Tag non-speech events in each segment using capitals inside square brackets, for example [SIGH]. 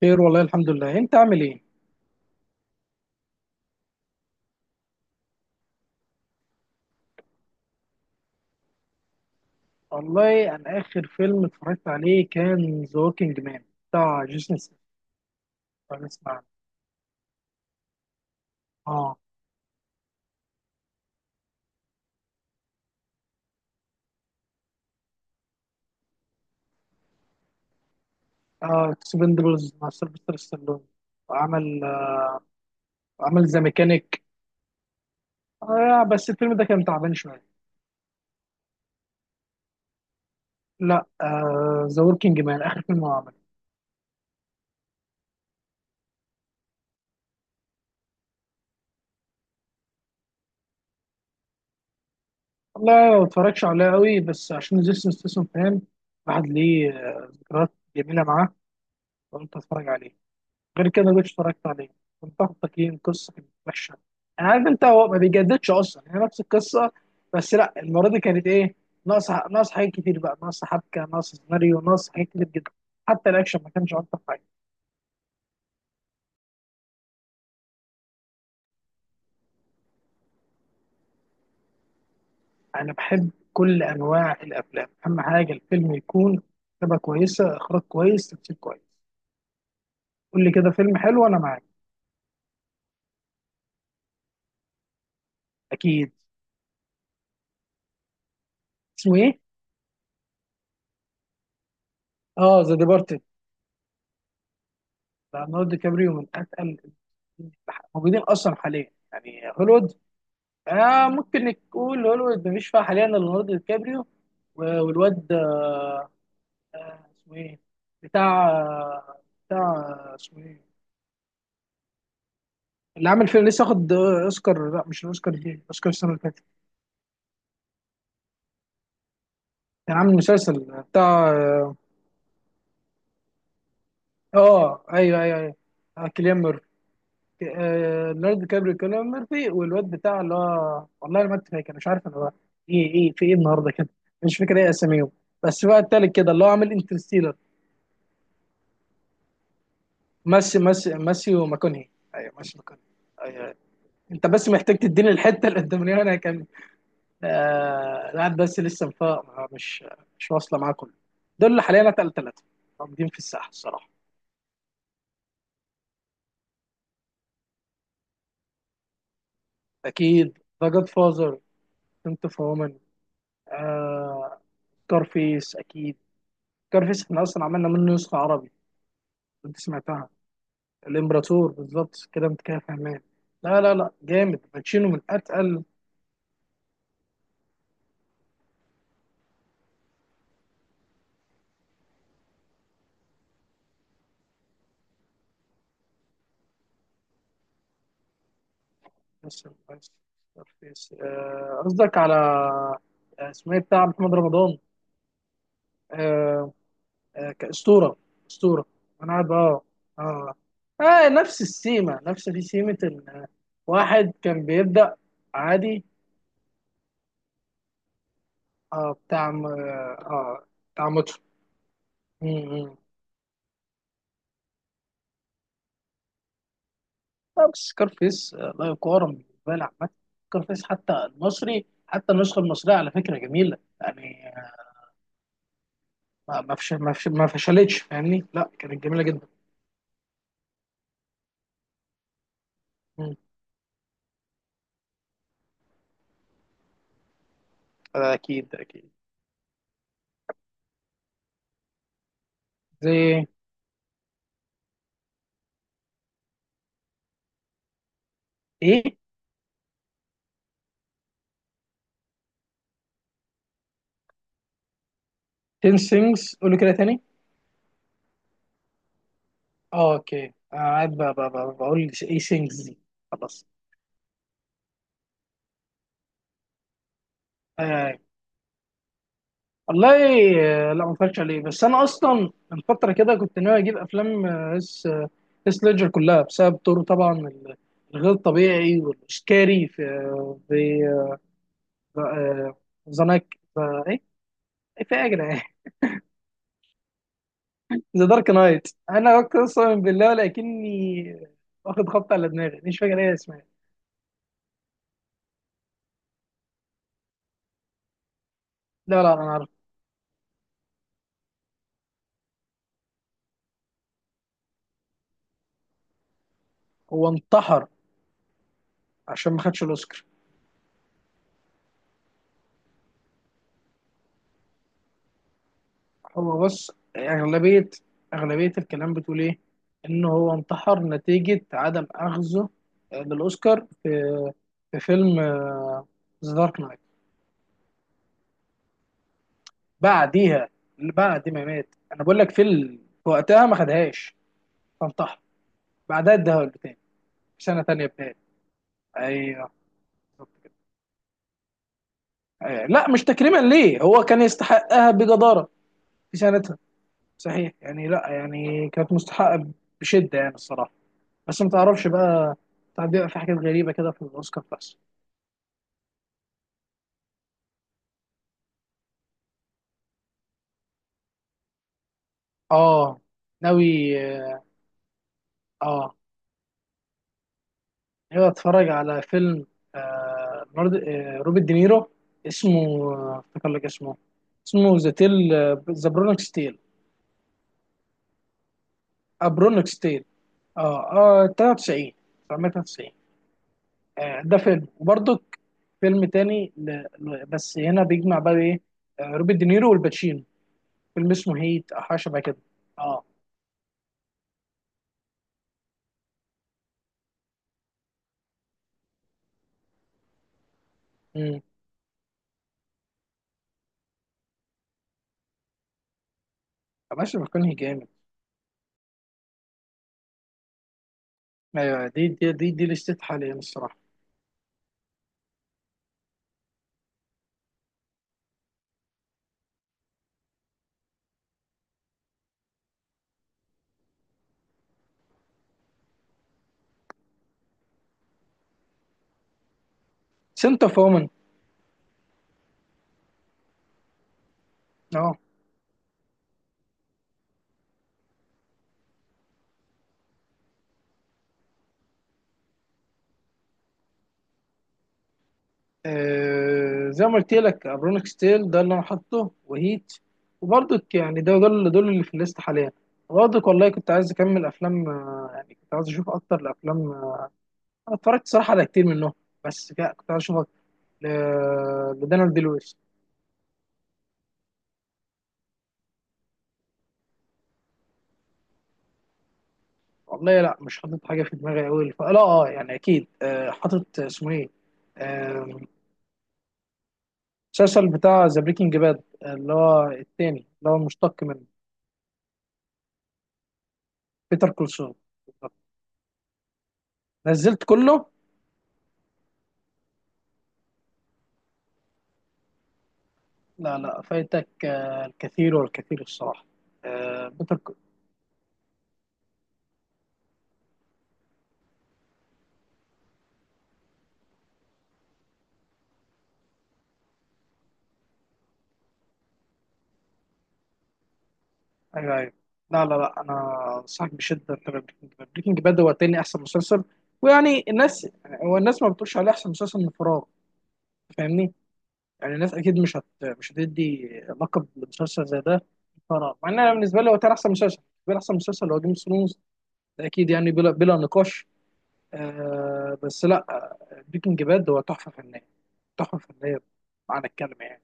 خير والله الحمد لله، انت عامل ايه؟ والله انا اخر فيلم اتفرجت عليه كان ذا ووكينج مان، بتاع جيسون ستاثام. اسمع عنه. اه اه اكسبندبلز مع سيلفستر ستالون وعمل عمل ذا ميكانيك. بس الفيلم ده كان تعبان شويه. لا، ذا ووكينج مان اخر فيلم هو عمله. والله ما اتفرجش عليه قوي، بس عشان جيسون ستاثام فاهم. واحد ليه ذكريات جميله معاه، قلت اتفرج عليه. غير كده مش اتفرجت عليه. كنت واخد تقييم، قصه كانت وحشه. انا عارف انت، هو ما بيجددش اصلا، يعني هي نفس القصه، بس لا المره دي كانت ايه، ناقص حاجات كتير بقى، ناقص حبكه، ناقص سيناريو، ناقص حاجات كتير جدا. حتى الاكشن ما كانش اكتر حاجه. انا بحب كل انواع الافلام، اهم حاجه الفيلم يكون كتابه كويسه، اخراج كويس، تمثيل كويس. قول لي كده فيلم حلو انا معاك. اكيد. اسمه ايه؟ اه، ذا ديبارتد. ليوناردو دي كابريو من اتقل الموجودين اصلا حاليا، يعني هوليوود. آه، ممكن نقول هوليوود مفيش فيها حاليا إلا ليوناردو دي كابريو. والواد اسمه ايه، بتاع آه، بتاع آه، اسمه ايه، اللي عامل فيلم لسه واخد اوسكار. لا مش الاوسكار دي، اوسكار السنه اللي فاتت. كان عامل مسلسل بتاع ايوه ايوه ايوه. آه، كيليان ميرفي. آه، ليوناردو دي كابريو، كيليان ميرفي، والواد بتاع اللي هو، والله انا ما كنت فاكر، مش عارف انا بقى. ايه ايه في ايه النهارده كده، مش فاكر ايه اساميهم. بس بقى التالت كده اللي هو عامل انترستيلر. ماسيو ماكونهي. ايوه ماسي ماكونهي. ايوه. انت بس محتاج تديني الحته القداميه وانا هكمل. آه لا، بس لسه مش، مش واصله معاه كله. دول اللي حاليا اتقل ثلاثه موجودين في الساحه الصراحه. اكيد. ذا جاد فازر، بنت اوف وومن. آه كارفيس اكيد، كارفيس احنا اصلا عملنا منه نسخه عربي. انت سمعتها؟ الامبراطور. بالظبط كده، انت كده فاهمان. لا لا لا، جامد، باتشينو من اتقل. بس بس قصدك على اسمه ايه، بتاع محمد رمضان. آه، كأسطورة. أسطورة. أنا قاعد اه. اه اه نفس السيمة، نفس دي سيمة إن واحد كان بيبدأ. عادي. اه، بتاع م- اه آه، بتاع ماتش. مم. لا بس سكارفيس لا يقارن بالنسبة لي عامة. سكارفيس حتى المصري، حتى النسخة المصرية على فكرة جميلة، يعني ما فشلتش فاهمني، لا كانت جميلة جدا. اكيد. زي ايه 10 things، قولوا كده تاني. اه اوكي، انا قاعد بقول ايه things دي. خلاص. آه. والله، لا ما اتفرجتش عليه. بس انا اصلا من فتره كده كنت ناوي اجيب افلام اس، اس ليدجر كلها، بسبب دوره طبعا الغير طبيعي والسكاري في، في ذا نايت، ايه، إيه في ايه يا جدعان، [LAUGHS] ذا دارك نايت. انا اقسم بالله لكني واخد خبط على دماغي، مش فاكر ايه اسمها. لا لا انا. هو انتحر عشان ما خدش الاوسكار. هو بص، اغلبيه اغلبيه الكلام بتقول ايه، ان هو انتحر نتيجه عدم اخذه للاوسكار في، في فيلم ذا دارك نايت. بعديها، بعد ما مات، انا بقول لك في في وقتها ما خدهاش، فانتحر. بعدها اداها له تاني في سنه تانيه بتاعي، ايوه بالظبط كده. أيوة. لا مش تكريما ليه، هو كان يستحقها بجداره في سنتها. صحيح، يعني لا يعني كانت مستحقه بشده يعني الصراحه. بس ما تعرفش بقى، ساعات بيبقى في حاجات غريبة كده في الأوسكار بس. اه ناوي. اه ناوي اتفرج على فيلم، آه نورد... آه روبرت دينيرو، اسمه افتكر لك اسمه، اسمه ذا تيل، ذا برونكس تيل. برونكس تيل. اه. اه 93، 993. آه ده فيلم وبرضك فيلم تاني بس هنا بيجمع بقى ايه، آه روبرت دينيرو والباتشينو، فيلم اسمه هيت او حاجه شبه كده. اه. امم. ماشي، بيكون جامد. ايوه، دي لستة حاليا الصراحه. سنتر فومن. اه. آه، زي ما قلت لك، ابرونيك ستيل ده اللي انا حاطه، وهيت. وبرضك يعني، ده دول، دول اللي في الليست حاليا. برضك والله كنت عايز اكمل افلام، يعني كنت عايز اشوف اكتر الافلام، انا اتفرجت صراحه على كتير منهم، بس لا، كنت عايز اشوف أكتر لدانيال دي لويس. والله لا، مش حاطط حاجه في دماغي قوي. لا اه، يعني اكيد حاطط اسمه ايه، آه، المسلسل بتاع ذا بريكنج باد اللي هو التاني، اللي هو مشتق منه. بيتر كولسون. بالظبط. نزلت كله. لا لا فايتك الكثير والكثير الصراحه. بيتر كول، ايوه ايوه. لا لا لا، انا انصحك بشده تبقى بريكنج باد. بريكنج باد هو تاني احسن مسلسل، ويعني الناس، هو الناس ما بتقولش عليه احسن مسلسل من فراغ، فاهمني. يعني الناس اكيد مش هتدي لقب لمسلسل زي ده فراغ. مع ان انا بالنسبه لي هو تاني احسن مسلسل. بالنسبه لي احسن مسلسل هو جيم اوف ثرونز، ده اكيد يعني بلا بلا نقاش. آه بس لا آه، بريكنج باد هو تحفه فنيه، تحفه فنيه معنى الكلمه يعني.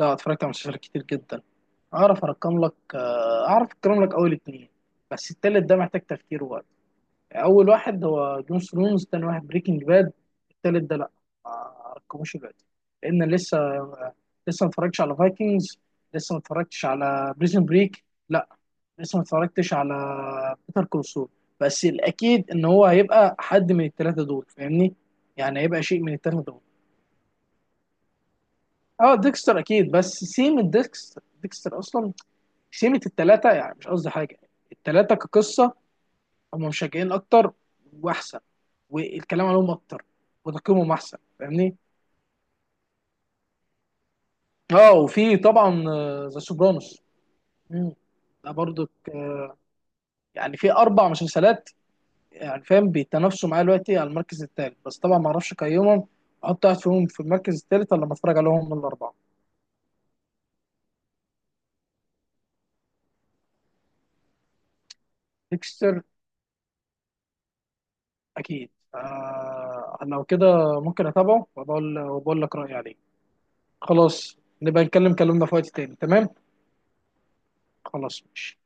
لا اتفرجت على مسلسلات كتير جدا. اعرف ارقم لك، اعرف ارقم لك اول اتنين، بس التالت ده محتاج تفكير ووقت. اول واحد هو جون ثرونز، تاني واحد بريكنج باد، التالت ده لا ما ارقموش دلوقتي، لان لسه لسه ما اتفرجتش على فايكنجز، لسه ما اتفرجتش على بريزن بريك، لا لسه ما اتفرجتش على بيتر كولسول. بس الاكيد ان هو هيبقى حد من الثلاثه دول فاهمني، يعني هيبقى شيء من الثلاثه دول. اه ديكستر اكيد، بس سيم ديكستر، ديكستر اصلا سيمة الثلاثه، يعني مش قصدي حاجه، الثلاثه كقصه هم مشجعين اكتر واحسن، والكلام عليهم اكتر، وتقييمهم احسن فاهمني. اه وفي طبعا ذا سوبرانوس ده برضو. يعني في اربع مسلسلات يعني فاهم بيتنافسوا معاه دلوقتي على المركز الثالث، بس طبعا ما اعرفش اقيمهم احط واحد فيهم في المركز الثالث، ولا لما اتفرج عليهم من الاربعه. ديكستر اكيد. آه لو كده ممكن اتابعه وبقول، وبقول لك رايي عليه. خلاص، نبقى نتكلم كلامنا في وقت تاني. تمام. خلاص ماشي.